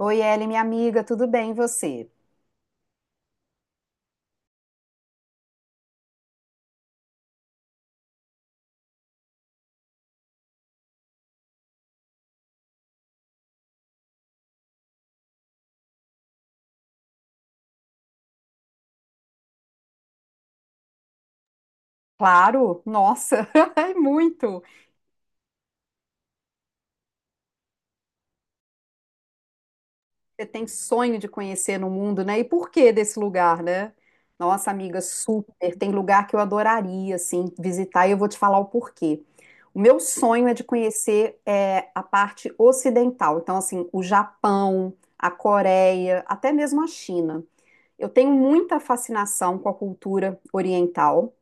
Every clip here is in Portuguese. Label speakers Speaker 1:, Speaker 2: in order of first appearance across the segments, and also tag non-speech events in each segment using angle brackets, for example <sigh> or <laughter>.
Speaker 1: Oi, Ellen, minha amiga, tudo bem, e você? Claro, nossa, <laughs> é muito. Você tem sonho de conhecer no mundo, né? E por que desse lugar, né? Nossa, amiga, super. Tem lugar que eu adoraria, assim, visitar e eu vou te falar o porquê. O meu sonho é de conhecer a parte ocidental, então, assim, o Japão, a Coreia, até mesmo a China. Eu tenho muita fascinação com a cultura oriental.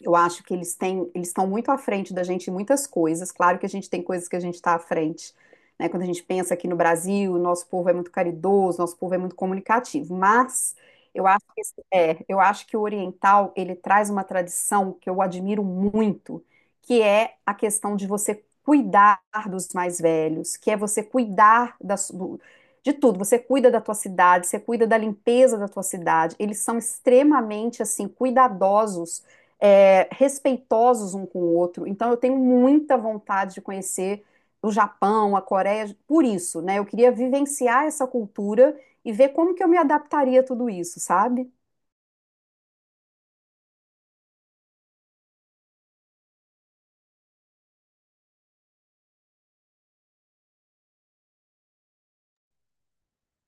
Speaker 1: Eu acho que eles têm, eles estão muito à frente da gente em muitas coisas. Claro que a gente tem coisas que a gente está à frente, né? Quando a gente pensa aqui no Brasil, nosso povo é muito caridoso, nosso povo é muito comunicativo. Mas eu acho que eu acho que o oriental ele traz uma tradição que eu admiro muito, que é a questão de você cuidar dos mais velhos, que é você cuidar de tudo. Você cuida da tua cidade, você cuida da limpeza da tua cidade. Eles são extremamente assim cuidadosos respeitosos um com o outro. Então, eu tenho muita vontade de conhecer o Japão, a Coreia, por isso, né? Eu queria vivenciar essa cultura e ver como que eu me adaptaria a tudo isso, sabe?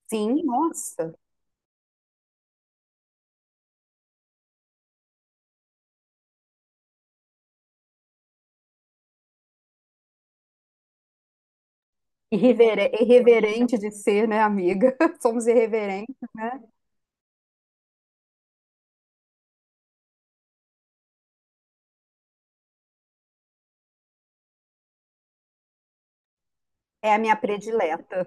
Speaker 1: Sim, nossa. Irreverente de ser, né, amiga? <laughs> Somos irreverentes. É a minha predileta,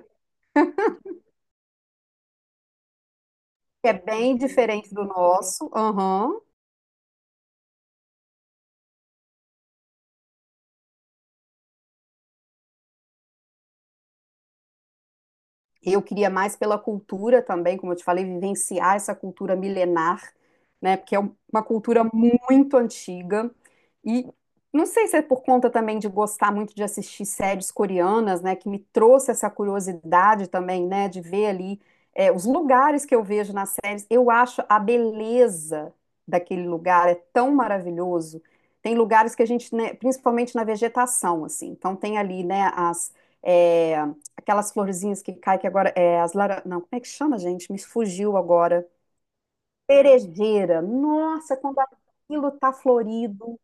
Speaker 1: que é bem diferente do nosso. Aham. Eu queria mais pela cultura também, como eu te falei, vivenciar essa cultura milenar, né? Porque é uma cultura muito antiga. E não sei se é por conta também de gostar muito de assistir séries coreanas, né? Que me trouxe essa curiosidade também, né? De ver ali os lugares que eu vejo nas séries. Eu acho a beleza daquele lugar é tão maravilhoso. Tem lugares que a gente, né, principalmente na vegetação, assim. Então tem ali, né, é, aquelas florzinhas que caem, que agora é as lara... Não, como é que chama, gente? Me fugiu agora. Cerejeira. Nossa, quando aquilo tá florido.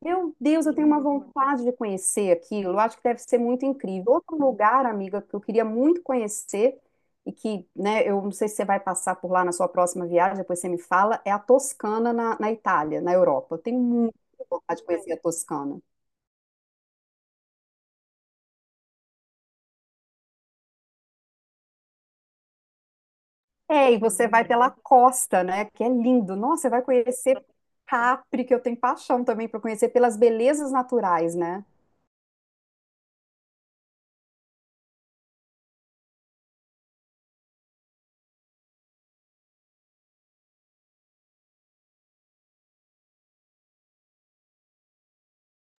Speaker 1: Meu Deus, eu tenho uma vontade de conhecer aquilo. Eu acho que deve ser muito incrível. Outro lugar, amiga, que eu queria muito conhecer e que, né, eu não sei se você vai passar por lá na sua próxima viagem, depois você me fala, é a Toscana na Itália, na Europa. Eu tenho muita vontade de conhecer a Toscana. É, e você vai pela costa, né? Que é lindo. Nossa, você vai conhecer Capri, que eu tenho paixão também para conhecer pelas belezas naturais, né?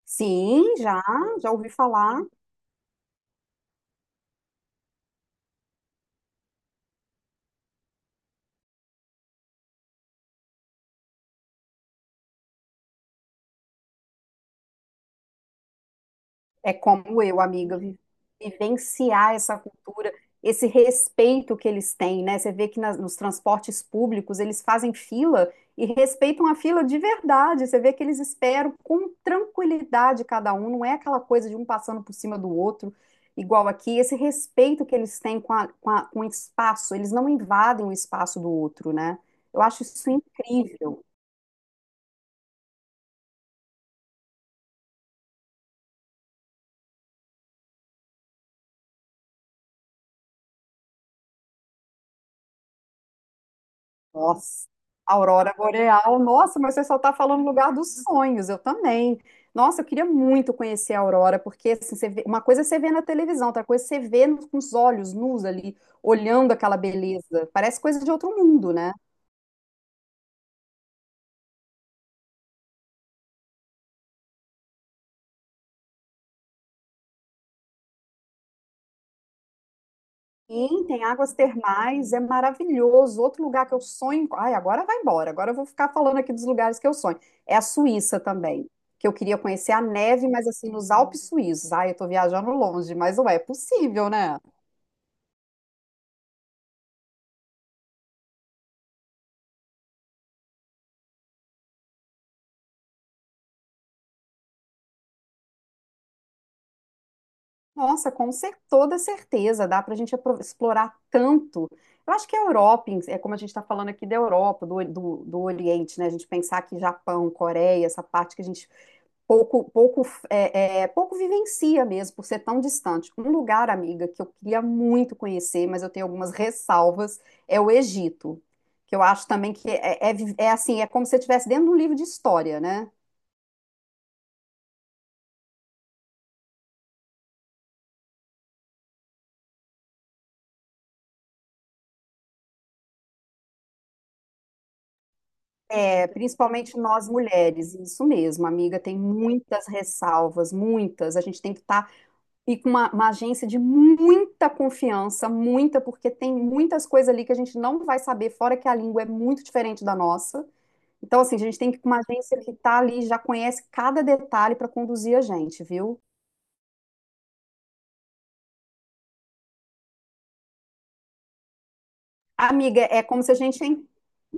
Speaker 1: Sim, já ouvi falar. É como eu, amiga, vivenciar essa cultura, esse respeito que eles têm, né? Você vê que nos transportes públicos eles fazem fila e respeitam a fila de verdade. Você vê que eles esperam com tranquilidade cada um, não é aquela coisa de um passando por cima do outro, igual aqui. Esse respeito que eles têm com o espaço, eles não invadem o espaço do outro, né? Eu acho isso incrível. Nossa, Aurora Boreal. Nossa, mas você só está falando no lugar dos sonhos, eu também. Nossa, eu queria muito conhecer a Aurora, porque assim, uma coisa é você vê na televisão, outra coisa é você vê no- com os olhos nus ali, olhando aquela beleza. Parece coisa de outro mundo, né? Sim, tem águas termais, é maravilhoso. Outro lugar que eu sonho. Ai, agora vai embora, agora eu vou ficar falando aqui dos lugares que eu sonho. É a Suíça também, que eu queria conhecer a neve, mas assim, nos Alpes suíços. Ai, eu tô viajando longe, mas ué, é possível, né? Nossa, com toda certeza, dá para a gente explorar tanto. Eu acho que a Europa, si, é como a gente está falando aqui da Europa, do Oriente, né? A gente pensar que Japão, Coreia, essa parte que a gente pouco, pouco, pouco vivencia mesmo, por ser tão distante. Um lugar, amiga, que eu queria muito conhecer, mas eu tenho algumas ressalvas, é o Egito, que eu acho também que é assim, é como se você estivesse dentro de um livro de história, né? É, principalmente nós mulheres, isso mesmo, amiga, tem muitas ressalvas, muitas. A gente tem que estar e com uma agência de muita confiança, muita, porque tem muitas coisas ali que a gente não vai saber, fora que a língua é muito diferente da nossa. Então, assim, a gente tem que ir com uma agência que está ali, já conhece cada detalhe para conduzir a gente, viu? Amiga, é como se a gente. En-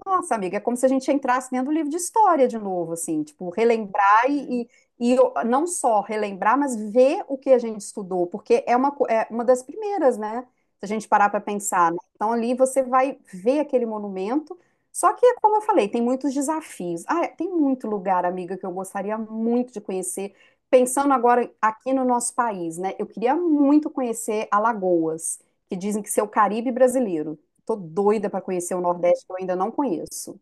Speaker 1: Nossa, amiga, é como se a gente entrasse dentro do livro de história de novo, assim, tipo, relembrar e não só relembrar, mas ver o que a gente estudou, porque é é uma das primeiras, né? Se a gente parar para pensar, né? Então ali você vai ver aquele monumento, só que, como eu falei, tem muitos desafios. Ah, é, tem muito lugar, amiga, que eu gostaria muito de conhecer. Pensando agora aqui no nosso país, né? Eu queria muito conhecer Alagoas, que dizem que ser o Caribe brasileiro. Tô doida para conhecer o Nordeste, que eu ainda não conheço.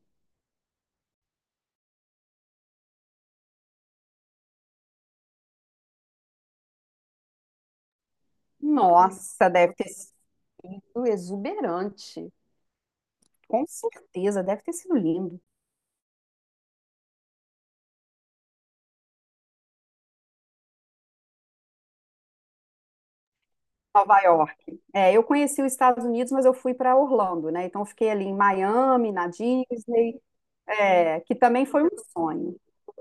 Speaker 1: Nossa, deve ter sido exuberante. Com certeza, deve ter sido lindo. Nova York. É, eu conheci os Estados Unidos, mas eu fui para Orlando, né? Então eu fiquei ali em Miami, na Disney. É, que também foi um sonho,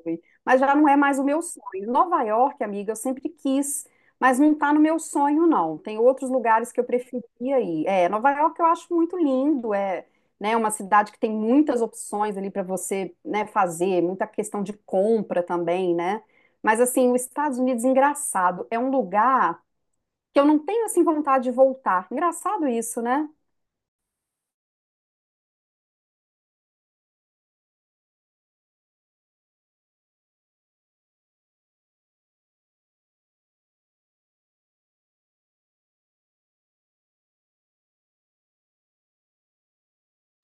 Speaker 1: foi. Mas já não é mais o meu sonho. Nova York, amiga, eu sempre quis, mas não está no meu sonho, não. Tem outros lugares que eu preferia ir. É, Nova York eu acho muito lindo, é, né, uma cidade que tem muitas opções ali para você, né, fazer, muita questão de compra também, né? Mas assim, os Estados Unidos, engraçado, é um lugar que eu não tenho assim vontade de voltar. Engraçado isso, né?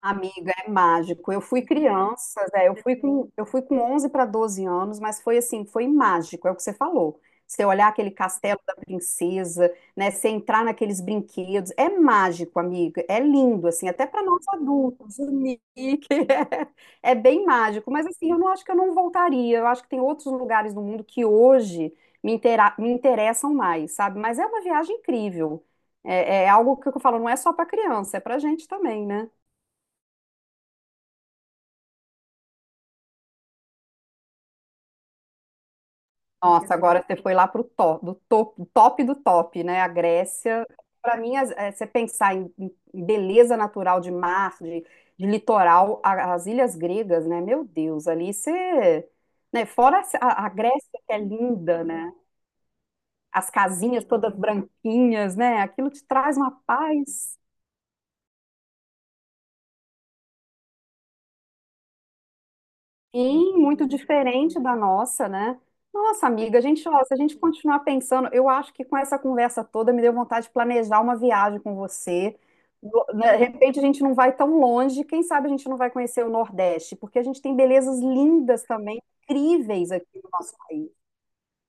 Speaker 1: Amiga, é mágico. Eu fui criança, né? Eu fui com 11 para 12 anos, mas foi assim, foi mágico, é o que você falou. Você olhar aquele castelo da princesa, né? Você entrar naqueles brinquedos, é mágico, amiga. É lindo, assim, até para nós adultos, o Nick, <laughs> é bem mágico. Mas assim, eu não acho que eu não voltaria. Eu acho que tem outros lugares no mundo que hoje me interessam mais, sabe? Mas é uma viagem incrível. É algo que eu falo, não é só para criança, é para gente também, né? Nossa, agora você foi lá pro top do top, né? A Grécia. Para mim, você pensar em, em beleza natural de mar, de litoral, as ilhas gregas, né? Meu Deus, ali você. Né? Fora a Grécia, que é linda, né? As casinhas todas branquinhas, né? Aquilo te traz uma paz. Sim, muito diferente da nossa, né? Nossa, amiga, a gente, ó, se a gente continuar pensando, eu acho que com essa conversa toda me deu vontade de planejar uma viagem com você. De repente a gente não vai tão longe, quem sabe a gente não vai conhecer o Nordeste, porque a gente tem belezas lindas também, incríveis aqui no nosso país.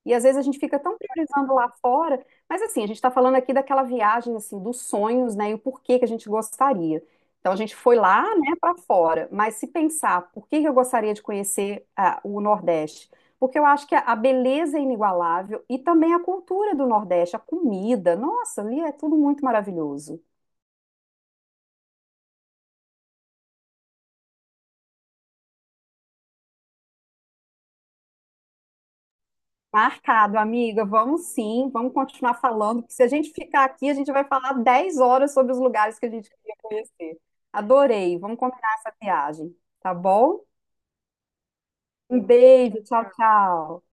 Speaker 1: E às vezes a gente fica tão priorizando lá fora, mas assim, a gente está falando aqui daquela viagem assim dos sonhos, né, e o porquê que a gente gostaria. Então a gente foi lá, né, para fora, mas se pensar, por que que eu gostaria de conhecer ah, o Nordeste? Porque eu acho que a beleza é inigualável e também a cultura do Nordeste, a comida, nossa, ali é tudo muito maravilhoso. Marcado, amiga. Vamos sim, vamos continuar falando, porque se a gente ficar aqui, a gente vai falar 10 horas sobre os lugares que a gente queria conhecer. Adorei. Vamos combinar essa viagem, tá bom? Um beijo, tchau, tchau.